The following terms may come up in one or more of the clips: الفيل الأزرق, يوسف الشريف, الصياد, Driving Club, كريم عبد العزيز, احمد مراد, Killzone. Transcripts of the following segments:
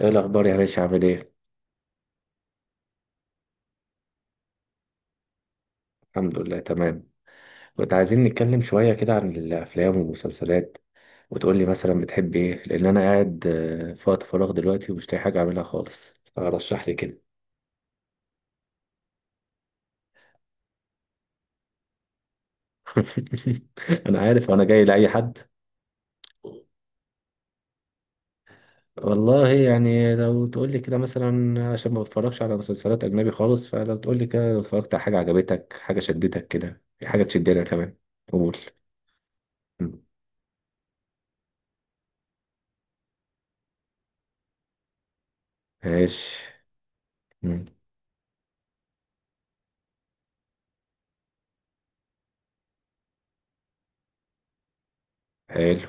ايه الاخبار يا باشا عامل ايه؟ الحمد لله تمام. كنت عايزين نتكلم شويه كده عن الافلام والمسلسلات، وتقول لي مثلا بتحب ايه، لان انا قاعد في وقت فراغ دلوقتي ومش لاقي حاجه اعملها خالص، فرشح لي كده. انا عارف وانا جاي لاي حد. والله يعني لو تقول لي كده مثلا، عشان ما بتفرجش على مسلسلات اجنبي خالص، فلو تقول لي كده لو اتفرجت على حاجه عجبتك، حاجه شدتك كده، حاجه تشدني أنا كمان. قول. مم. ماشي. مم. حلو.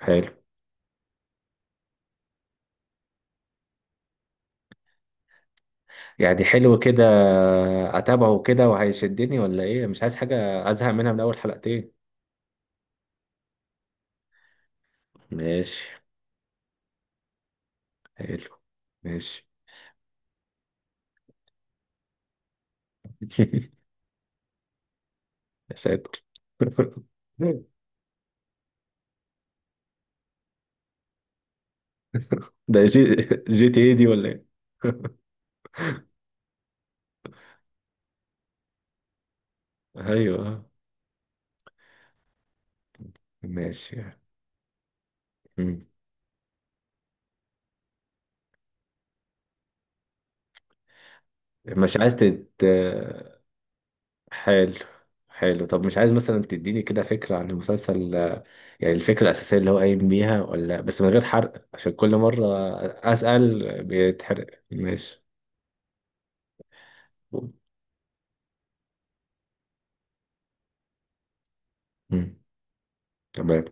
حلو. يعني حلو كده اتابعه كده وهيشدني، ولا ايه، مش عايز حاجة ازهق منها من اول حلقتين؟ ماشي. حلو. ماشي. يا ساتر. ده جي، جي تي ايه دي ولا ايه؟ ايوه. ماشي. مم. مش عايز تت حلو حلو، طب مش عايز مثلا تديني كده فكرة عن المسلسل، يعني الفكرة الأساسية اللي هو قايم بيها، ولا بس من غير حرق عشان كل مرة أسأل بيتحرق؟ ماشي. مم. تمام.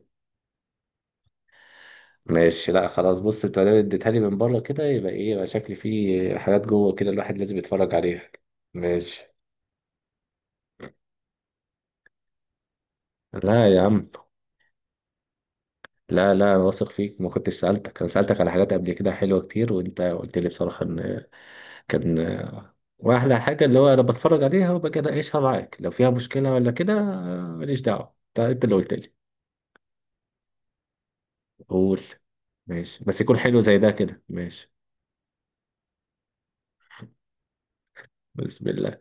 ماشي، لا خلاص، بص انت ما اديتها لي من بره كده، يبقى ايه، يبقى شكلي فيه حاجات جوه كده الواحد لازم يتفرج عليها. ماشي. لا يا عم، لا انا واثق فيك، ما كنتش سألتك، انا سألتك على حاجات قبل كده حلوة كتير، وانت قلت لي بصراحة ان كان، واحلى حاجة اللي هو انا بتفرج عليها وبجي اناقشها معاك، لو فيها مشكلة ولا كده، ماليش دعوة، انت اللي قلت لي. قول. ماشي، بس يكون حلو زي ده كده، ماشي. بسم الله.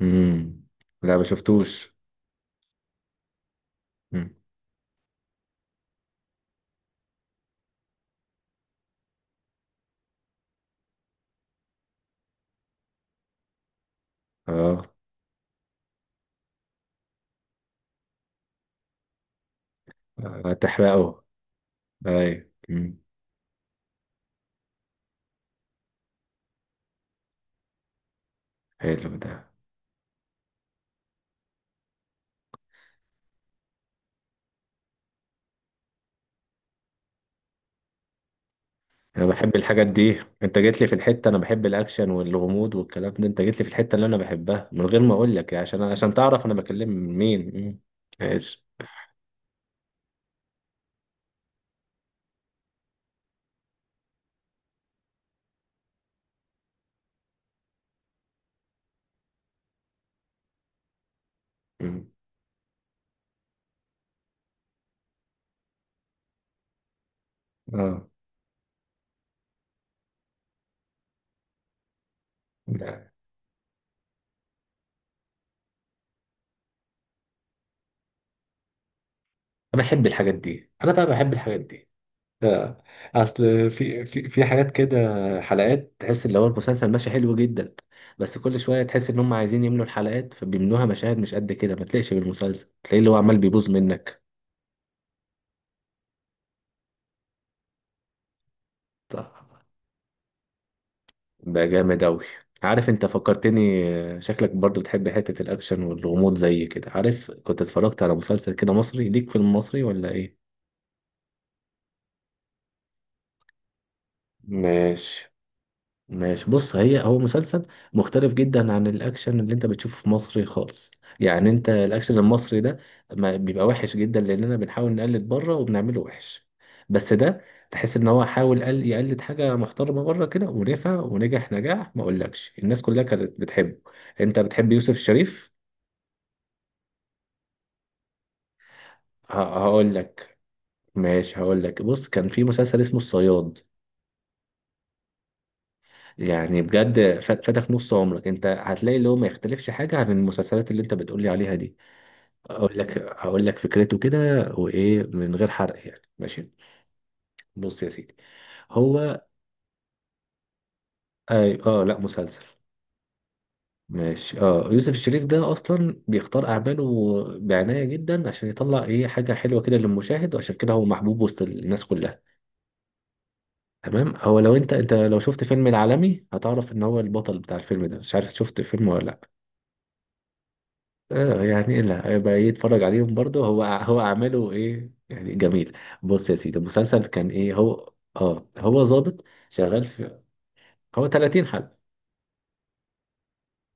امم، لا ما شفتوش. مم. اه. هتحرقه. ايوه. حلو ده. انا بحب الحاجات دي، انت جيت لي في الحته، انا بحب الاكشن والغموض والكلام ده، انت جيت لي في الحته اللي انا بحبها من غير ما اقول لك، عشان تعرف انا بكلم مين. ماشي. مم. اه. لا. انا بحب الحاجات دي، انا بقى بحب الحاجات دي. آه. اصل في حاجات كده، حلقات تحس اللي هو المسلسل ماشي حلو جدا، بس كل شويه تحس ان هم عايزين يملوا الحلقات فبيملوها مشاهد مش قد كده، ما تلاقيش بالمسلسل تلاقيه اللي هو عمال بيبوظ منك. طب. ده جامد أوي. عارف انت فكرتني، شكلك برضو بتحب حتة الأكشن والغموض زي كده. عارف كنت اتفرجت على مسلسل كده مصري ليك في المصري ولا ايه؟ ماشي. ماشي، بص، هو مسلسل مختلف جدا عن الأكشن اللي انت بتشوفه في مصر خالص. يعني انت الأكشن المصري ده ما بيبقى وحش جدا لأننا بنحاول نقلد بره وبنعمله وحش، بس ده تحس ان هو حاول يقلد حاجة محترمة بره كده، ونفع ونجح نجاح ما اقولكش، الناس كلها كانت بتحبه. انت بتحب يوسف الشريف؟ ه- هقول لك. ماشي هقول لك، بص كان في مسلسل اسمه الصياد، يعني بجد فاتك نص عمرك، انت هتلاقي اللي هو ما يختلفش حاجه عن المسلسلات اللي انت بتقولي عليها دي. اقول لك، هقول لك فكرته كده، وايه من غير حرق يعني، ماشي. بص يا سيدي، هو اي اه لا مسلسل. ماشي، اه. يوسف الشريف ده اصلا بيختار اعماله بعنايه جدا عشان يطلع ايه، حاجه حلوه كده للمشاهد، وعشان كده هو محبوب وسط الناس كلها. تمام، هو لو انت لو شفت فيلم العالمي هتعرف ان هو البطل بتاع الفيلم ده، مش عارف شفت فيلم ولا لا. آه، يعني لا هيبقى ايه، اتفرج عليهم برضه، هو اعماله ايه يعني، جميل. بص يا سيدي، المسلسل كان ايه، هو اه هو ظابط شغال في، هو 30 حلقة.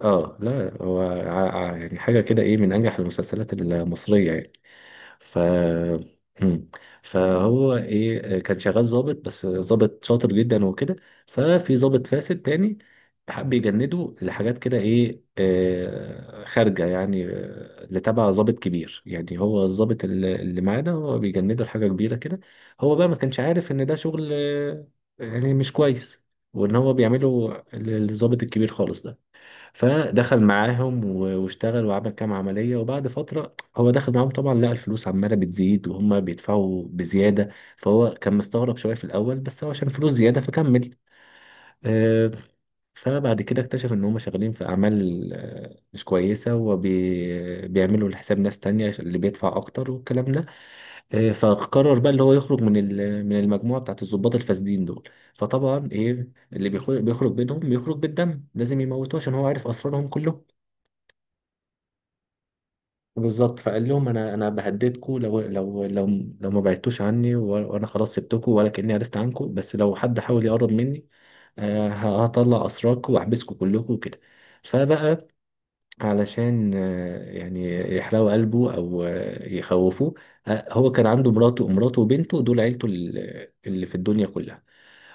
اه لا هو يعني حاجة كده ايه، من انجح المسلسلات المصرية يعني. ف مم. فهو ايه كان شغال ظابط، بس ظابط شاطر جدا وكده. ففي ظابط فاسد تاني حب يجنده لحاجات كده ايه، خارجه يعني، اللي تبع ظابط كبير، يعني هو الظابط اللي معاه ده، هو بيجنده لحاجه كبيره كده. هو بقى ما كانش عارف ان ده شغل يعني مش كويس، وان هو بيعمله للظابط الكبير خالص ده. فدخل معاهم واشتغل وعمل كام عملية، وبعد فترة هو دخل معاهم طبعا، لقى الفلوس عمالة بتزيد وهم بيدفعوا بزيادة. فهو كان مستغرب شوية في الأول، بس هو عشان فلوس زيادة فكمل. آه، فبعد كده اكتشف إن هم شغالين في أعمال مش كويسة، وبيعملوا لحساب ناس تانية اللي بيدفع أكتر والكلام ده. فقرر بقى اللي هو يخرج من من المجموعة بتاعت الضباط الفاسدين دول. فطبعا إيه اللي بيخرج، بيخرج بينهم بيخرج بالدم، لازم يموتوه عشان هو عارف أسرارهم كلهم. بالظبط. فقال لهم انا، انا بهددكم لو ما بعدتوش عني، وانا خلاص سبتكم، ولا كاني عرفت عنكم، بس لو حد حاول يقرب مني، آه، هطلع اسراركم واحبسكم كلكم وكده. فبقى علشان يعني يحرقوا قلبه او يخوفوه، هو كان عنده مراته، مراته وبنته دول عيلته اللي في الدنيا كلها.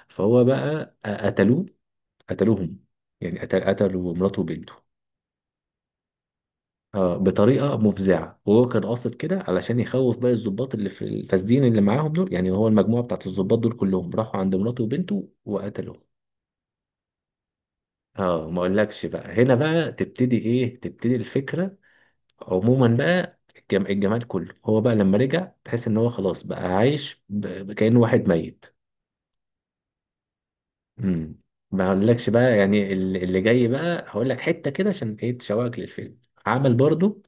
فهو بقى قتلوه، قتلوهم، يعني قتلوا مراته وبنته بطريقه مفزعه، وهو كان قاصد كده علشان يخوف باقي الضباط اللي في الفاسدين اللي معاهم دول، يعني هو المجموعه بتاعت الضباط دول كلهم راحوا عند مراته وبنته وقتلوهم. اه، ما اقولكش بقى، هنا بقى تبتدي ايه، تبتدي الفكره. عموما بقى، الجم... الجمال كله هو بقى لما رجع، تحس ان هو خلاص بقى عايش ب... كأنه واحد ميت. امم. ما اقولكش بقى، يعني اللي جاي بقى هقول لك حته كده عشان ايه، تشوقك للفيلم. عمل برضو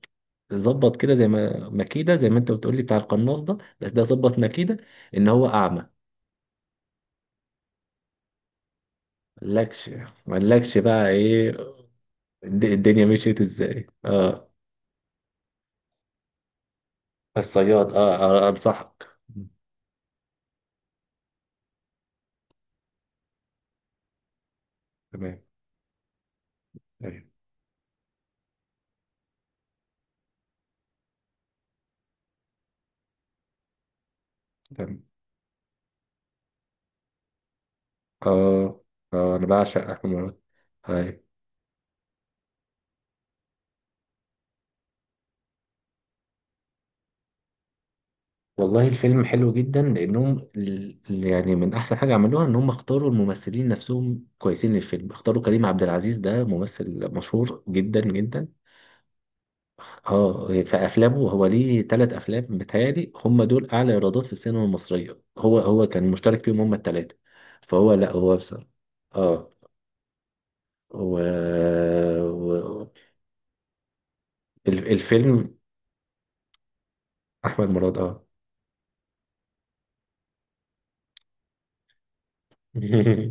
ظبط كده زي ما، مكيده زي ما انت بتقولي بتاع القناص ده، بس ده ظبط مكيده ان هو اعمى. ملكش، ملكش بقى ايه، الدنيا مشيت ازاي، اه. الصياد اه. انصحك. تمام. ايوه. تمام. اه. اه انا بعشق احمد مراد. ايوه. والله الفيلم حلو جدا لانهم يعني من احسن حاجه عملوها ان هم اختاروا الممثلين نفسهم كويسين للفيلم، اختاروا كريم عبد العزيز، ده ممثل مشهور جدا جدا. اه، في افلامه هو ليه ثلاث افلام بتهيألي هم دول اعلى ايرادات في السينما المصريه، هو كان مشترك فيهم هم الثلاثه. فهو لا هو بصراحه اه. و... و... الفيلم، احمد مراد اه.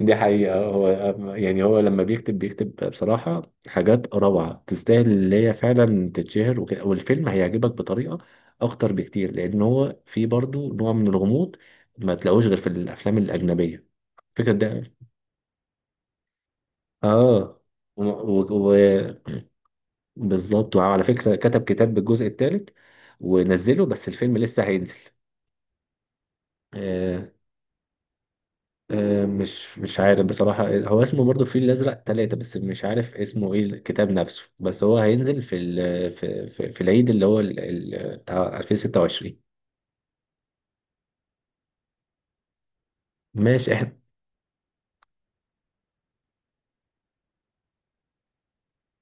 دي حقيقة هو، يعني هو لما بيكتب بيكتب بصراحة حاجات روعة تستاهل اللي هي فعلا تتشهر وكده، والفيلم هيعجبك بطريقة أكتر بكتير، لأن هو فيه برضو نوع من الغموض ما تلاقوش غير في الأفلام الأجنبية. فكرة ده اه، وبالظبط. وعلى فكرة كتب كتاب بالجزء الثالث ونزله، بس الفيلم لسه هينزل. آه. آه مش عارف بصراحة، هو اسمه برضه الفيل الأزرق ثلاثة، بس مش عارف اسمه ايه الكتاب نفسه، بس هو هينزل في في العيد اللي هو بتاع 2026. ماشي، احنا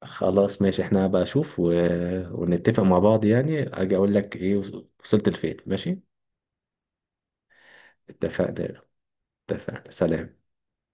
خلاص، ماشي احنا هبقى اشوف و... ونتفق مع بعض يعني، اجي اقول لك ايه، وصلت لفين، ماشي. اتفقنا. اتفقنا، سلام.